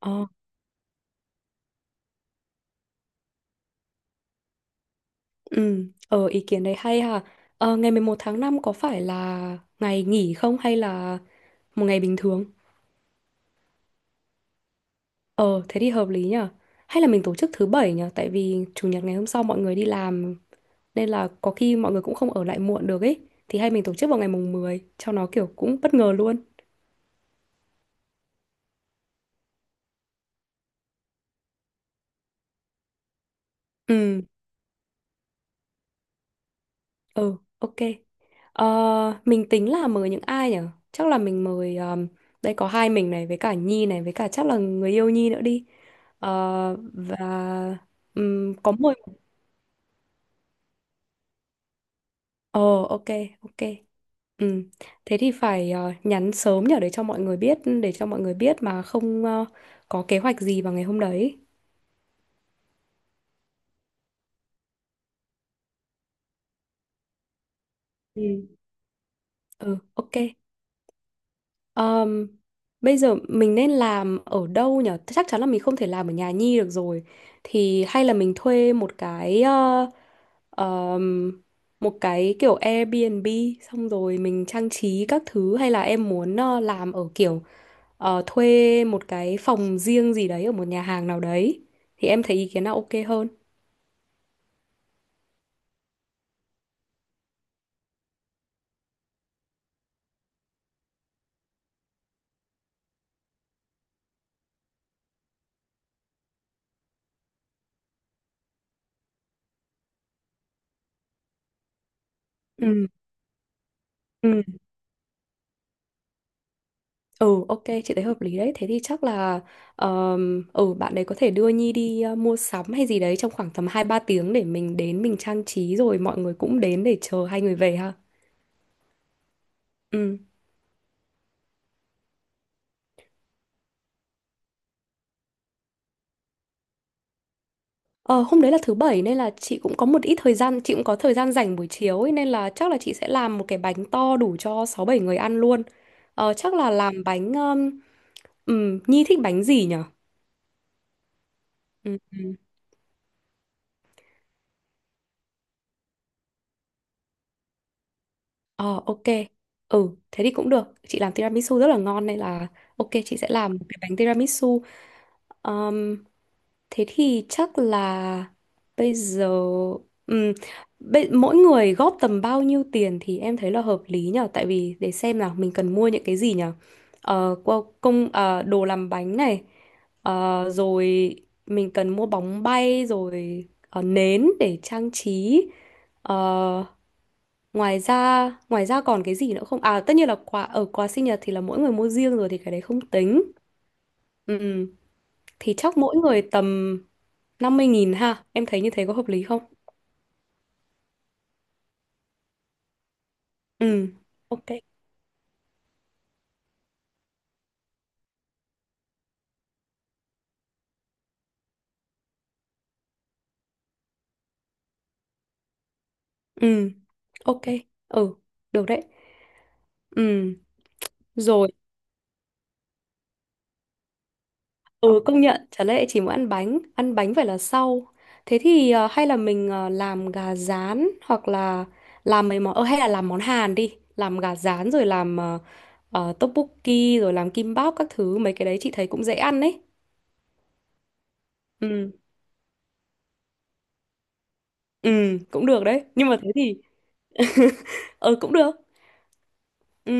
Ờ, ừ, ờ, ý kiến đấy hay ha. Ờ, ngày 11 tháng 5 có phải là ngày nghỉ không hay là một ngày bình thường? Ờ, thế thì hợp lý nhở. Hay là mình tổ chức thứ bảy nhở, tại vì chủ nhật ngày hôm sau mọi người đi làm nên là có khi mọi người cũng không ở lại muộn được ấy. Thì hay mình tổ chức vào ngày mùng 10 cho nó kiểu cũng bất ngờ luôn. Ừ, ừ, ok. Mình tính là mời những ai nhở? Chắc là mình mời đây có hai mình này với cả Nhi này với cả chắc là người yêu Nhi nữa đi. Ờ, và có mười. Ồ, ok, ok. Ừm, Thế thì phải nhắn sớm nhở để cho mọi người biết, mà không có kế hoạch gì vào ngày hôm đấy. Ừ. ừ ok. Ờm, Bây giờ mình nên làm ở đâu nhở? Chắc chắn là mình không thể làm ở nhà Nhi được rồi, thì hay là mình thuê một cái ờm, một cái kiểu Airbnb xong rồi mình trang trí các thứ, hay là em muốn làm ở kiểu thuê một cái phòng riêng gì đấy ở một nhà hàng nào đấy, thì em thấy ý kiến nào ok hơn? Ừ. Ừ. ừ ok, chị thấy hợp lý đấy. Thế thì chắc là ừ, bạn đấy có thể đưa Nhi đi mua sắm hay gì đấy trong khoảng tầm hai ba tiếng để mình đến mình trang trí rồi mọi người cũng đến để chờ hai người về ha. Ừ, ờ, hôm đấy là thứ bảy nên là chị cũng có một ít thời gian, chị cũng có thời gian rảnh buổi chiều ấy, nên là chắc là chị sẽ làm một cái bánh to đủ cho sáu bảy người ăn luôn. Chắc là làm bánh. Nhi thích bánh gì nhỉ? Ừ. ừ. Ờ, ok. Ừ, thế thì cũng được. Chị làm tiramisu rất là ngon nên là ok, chị sẽ làm một cái bánh tiramisu. Ờm, Thế thì chắc là bây giờ, ừm, mỗi người góp tầm bao nhiêu tiền thì em thấy là hợp lý nhở? Tại vì để xem là mình cần mua những cái gì nhở. Đồ làm bánh này. Rồi mình cần mua bóng bay rồi nến để trang trí. Ờ, Ngoài ra, còn cái gì nữa không? À, tất nhiên là quà, quà sinh nhật thì là mỗi người mua riêng rồi thì cái đấy không tính. Ừ, thì chắc mỗi người tầm 50.000 ha. Em thấy như thế có hợp lý không? Ừ, ok. Ừ, ok. Ừ, Được đấy. Ừ, Rồi. Ừ, công nhận, chả lẽ chỉ muốn ăn bánh? Ăn bánh phải là sau. Thế thì hay là mình làm gà rán, hoặc là làm mấy món hay là làm món Hàn đi, làm gà rán rồi làm tteokbokki rồi làm kimbap các thứ, mấy cái đấy chị thấy cũng dễ ăn đấy. ừ ừ Cũng được đấy, nhưng mà thế thì ừ cũng được, ừ,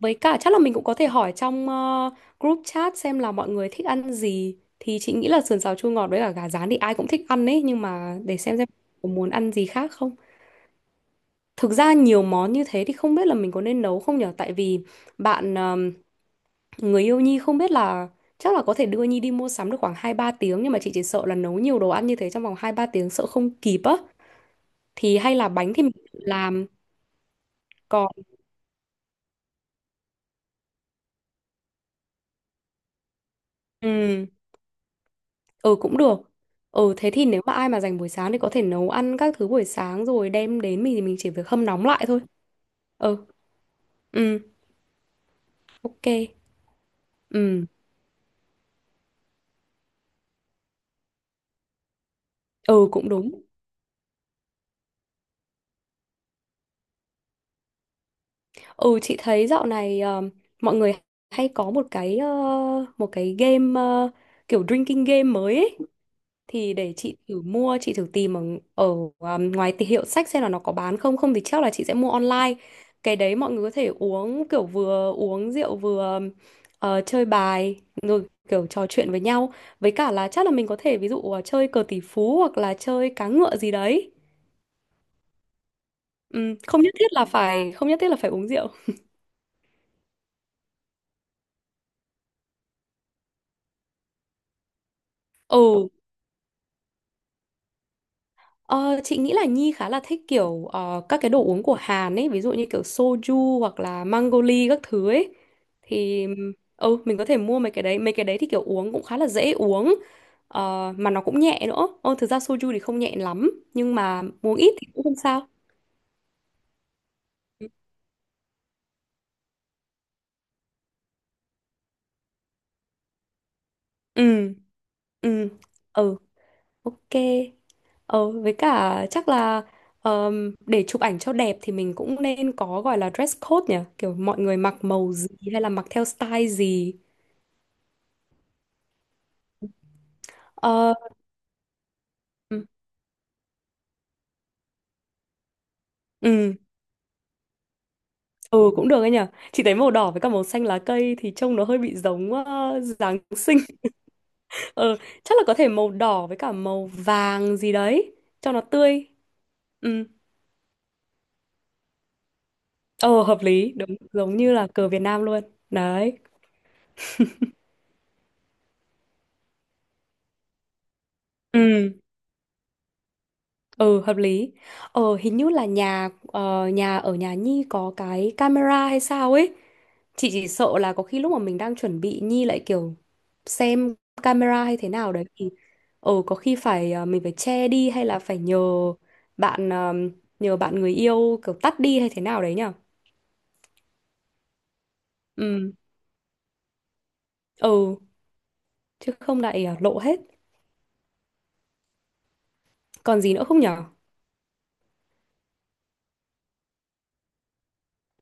với cả chắc là mình cũng có thể hỏi trong group chat xem là mọi người thích ăn gì. Thì chị nghĩ là sườn xào chua ngọt với cả gà rán thì ai cũng thích ăn đấy, nhưng mà để xem có muốn ăn gì khác không. Thực ra nhiều món như thế thì không biết là mình có nên nấu không nhở? Tại vì bạn người yêu Nhi, không biết là chắc là có thể đưa Nhi đi mua sắm được khoảng hai ba tiếng, nhưng mà chị chỉ sợ là nấu nhiều đồ ăn như thế trong vòng hai ba tiếng sợ không kịp á. Thì hay là bánh thì mình tự làm, còn ừ ừ cũng được. Ừ, thế thì nếu mà ai mà dành buổi sáng thì có thể nấu ăn các thứ buổi sáng rồi đem đến mình thì mình chỉ việc hâm nóng lại thôi. Ừ ừ ok. Ừ ừ Cũng đúng. Ừ, chị thấy dạo này mọi người hay có một cái một cái game, kiểu drinking game mới ấy. Thì để chị thử mua, chị thử tìm ở, ở ngoài hiệu sách xem là nó có bán không. Không thì chắc là chị sẽ mua online. Cái đấy mọi người có thể uống kiểu vừa uống rượu vừa chơi bài rồi kiểu trò chuyện với nhau. Với cả là chắc là mình có thể ví dụ chơi cờ tỷ phú hoặc là chơi cá ngựa gì đấy. Ừ, không nhất thiết là phải không nhất thiết là phải uống rượu. Ừ. Ờ, chị nghĩ là Nhi khá là thích kiểu các cái đồ uống của Hàn ấy, ví dụ như kiểu soju hoặc là mango các thứ ấy. Thì ừ, mình có thể mua mấy cái đấy thì kiểu uống cũng khá là dễ uống. Ờ, mà nó cũng nhẹ nữa. Ờ, thực ra soju thì không nhẹ lắm, nhưng mà uống ít thì cũng không sao. Ừ, ừ, ừ, ok. Ờ, với cả chắc là để chụp ảnh cho đẹp thì mình cũng nên có gọi là dress code nhỉ? Kiểu mọi người mặc màu gì hay là mặc theo style gì. Ờ, Ừ, ừ, ừ, Cũng được ấy nhở. Chị thấy màu đỏ với cả màu xanh lá cây thì trông nó hơi bị giống Giáng sinh. Ờ, chắc là có thể màu đỏ với cả màu vàng gì đấy cho nó tươi. Ừ. Ờ, hợp lý, đúng, giống như là cờ Việt Nam luôn. Đấy. Ừ. Ừ, hợp lý. Ờ, hình như là nhà ờ, nhà ở nhà Nhi có cái camera hay sao ấy. Chị chỉ sợ là có khi lúc mà mình đang chuẩn bị Nhi lại kiểu xem camera hay thế nào đấy thì có khi phải mình phải che đi hay là phải nhờ bạn, người yêu kiểu tắt đi hay thế nào đấy nhở. Ừ. Ừ, chứ không lại lộ hết. Còn gì nữa không nhở?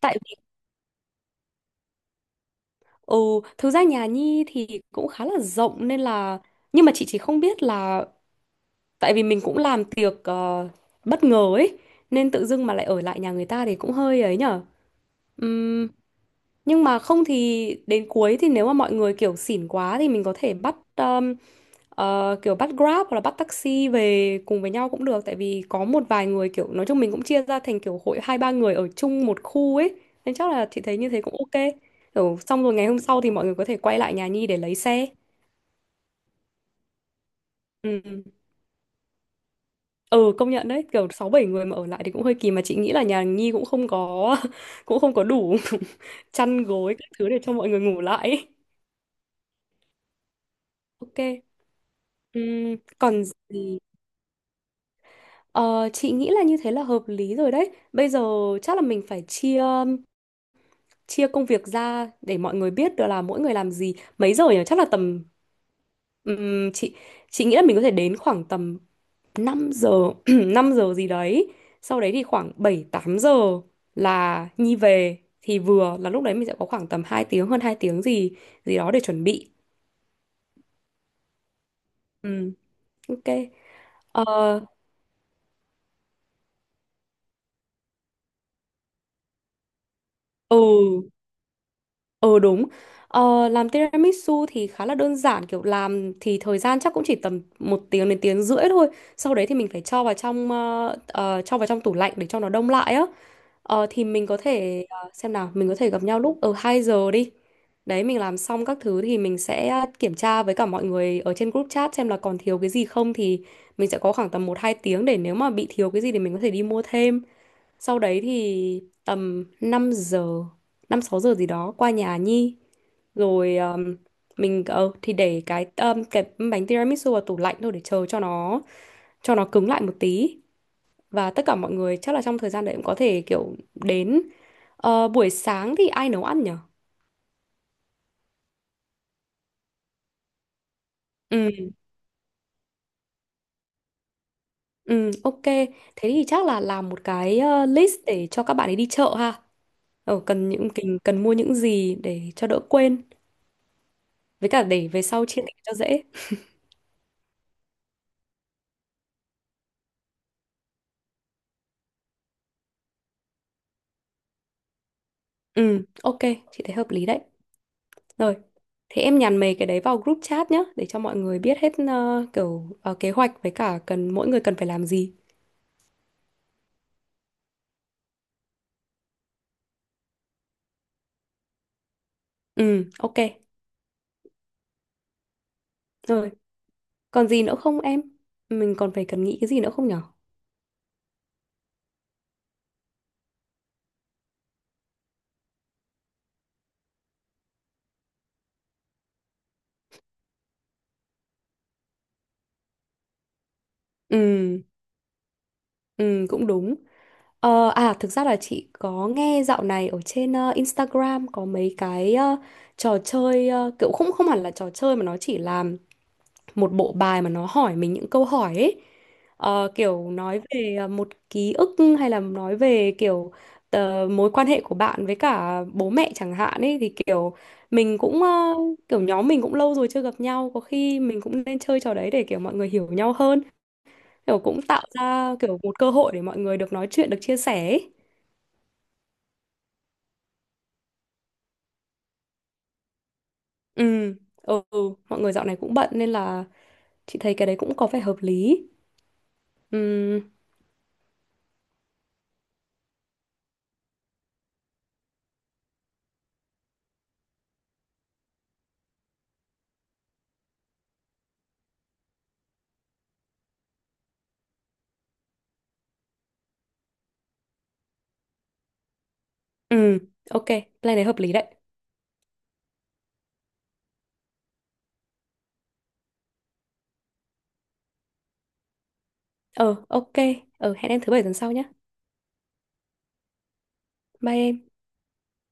Tại vì ừ, thực ra nhà Nhi thì cũng khá là rộng nên là, nhưng mà chị chỉ không biết là tại vì mình cũng làm tiệc bất ngờ ấy, nên tự dưng mà lại ở lại nhà người ta thì cũng hơi ấy nhở. Ừm, nhưng mà không thì đến cuối, thì nếu mà mọi người kiểu xỉn quá thì mình có thể bắt kiểu bắt Grab hoặc là bắt taxi về cùng với nhau cũng được. Tại vì có một vài người kiểu, nói chung mình cũng chia ra thành kiểu hội hai ba người ở chung một khu ấy, nên chắc là chị thấy như thế cũng ok. Kiểu xong rồi ngày hôm sau thì mọi người có thể quay lại nhà Nhi để lấy xe. ừ Ừ, công nhận đấy, kiểu sáu bảy người mà ở lại thì cũng hơi kỳ. Mà chị nghĩ là nhà Nhi cũng không có cũng không có đủ chăn gối các thứ để cho mọi người ngủ lại ấy. Ok. Còn gì. Ờ, chị nghĩ là như thế là hợp lý rồi đấy. Bây giờ chắc là mình phải chia, công việc ra để mọi người biết được là mỗi người làm gì, mấy giờ nhỉ? Chắc là tầm ừm, chị chị nghĩ là mình có thể đến khoảng tầm 5 giờ, 5 giờ gì đấy, sau đấy thì khoảng 7 8 giờ là Nhi về, thì vừa là lúc đấy mình sẽ có khoảng tầm 2 tiếng, hơn 2 tiếng gì gì đó để chuẩn bị. Ừ, ok. ờ ừ ừ, đúng. Ờ, làm tiramisu thì khá là đơn giản, kiểu làm thì thời gian chắc cũng chỉ tầm một tiếng đến tiếng rưỡi thôi, sau đấy thì mình phải cho vào trong cho vào trong tủ lạnh để cho nó đông lại á. Ờ, thì mình có thể xem nào, mình có thể gặp nhau lúc 2 giờ đi. Đấy, mình làm xong các thứ thì mình sẽ kiểm tra với cả mọi người ở trên group chat xem là còn thiếu cái gì không, thì mình sẽ có khoảng tầm một 2 tiếng để nếu mà bị thiếu cái gì thì mình có thể đi mua thêm. Sau đấy thì tầm 5 giờ, 5 6 giờ gì đó qua nhà Nhi rồi mình thì để cái bánh tiramisu vào tủ lạnh thôi để chờ cho nó, cứng lại một tí. Và tất cả mọi người chắc là trong thời gian đấy cũng có thể kiểu đến. Ờ, buổi sáng thì ai nấu ăn nhở? Ừ, ừ, ok. Thế thì chắc là làm một cái list để cho các bạn ấy đi chợ ha. Ờ, cần những cần mua những gì để cho đỡ quên. Với cả để về sau chia tiền cho dễ. Ừ, ok, chị thấy hợp lý đấy. Rồi, thế em nhắn mấy cái đấy vào group chat nhá, để cho mọi người biết hết kiểu kế hoạch với cả cần, mỗi người cần phải làm gì. Ừ, ok. Rồi, còn gì nữa không em? Mình còn phải cần nghĩ cái gì nữa không nhở? Ừ, ừ, Cũng đúng. Ờ, à thực ra là chị có nghe dạo này ở trên Instagram có mấy cái trò chơi kiểu không, hẳn là trò chơi mà nó chỉ là một bộ bài mà nó hỏi mình những câu hỏi ấy. Ờ, kiểu nói về một ký ức hay là nói về kiểu mối quan hệ của bạn với cả bố mẹ chẳng hạn ấy, thì kiểu mình cũng kiểu nhóm mình cũng lâu rồi chưa gặp nhau, có khi mình cũng nên chơi trò đấy để kiểu mọi người hiểu nhau hơn, kiểu cũng tạo ra kiểu một cơ hội để mọi người được nói chuyện, được chia sẻ ấy. Ừ, Mọi người dạo này cũng bận nên là chị thấy cái đấy cũng có vẻ hợp lý. Ừ, ừ, ok, plan đấy hợp lý đấy. Ờ, ok, hẹn em thứ bảy tuần sau nhé. Bye em.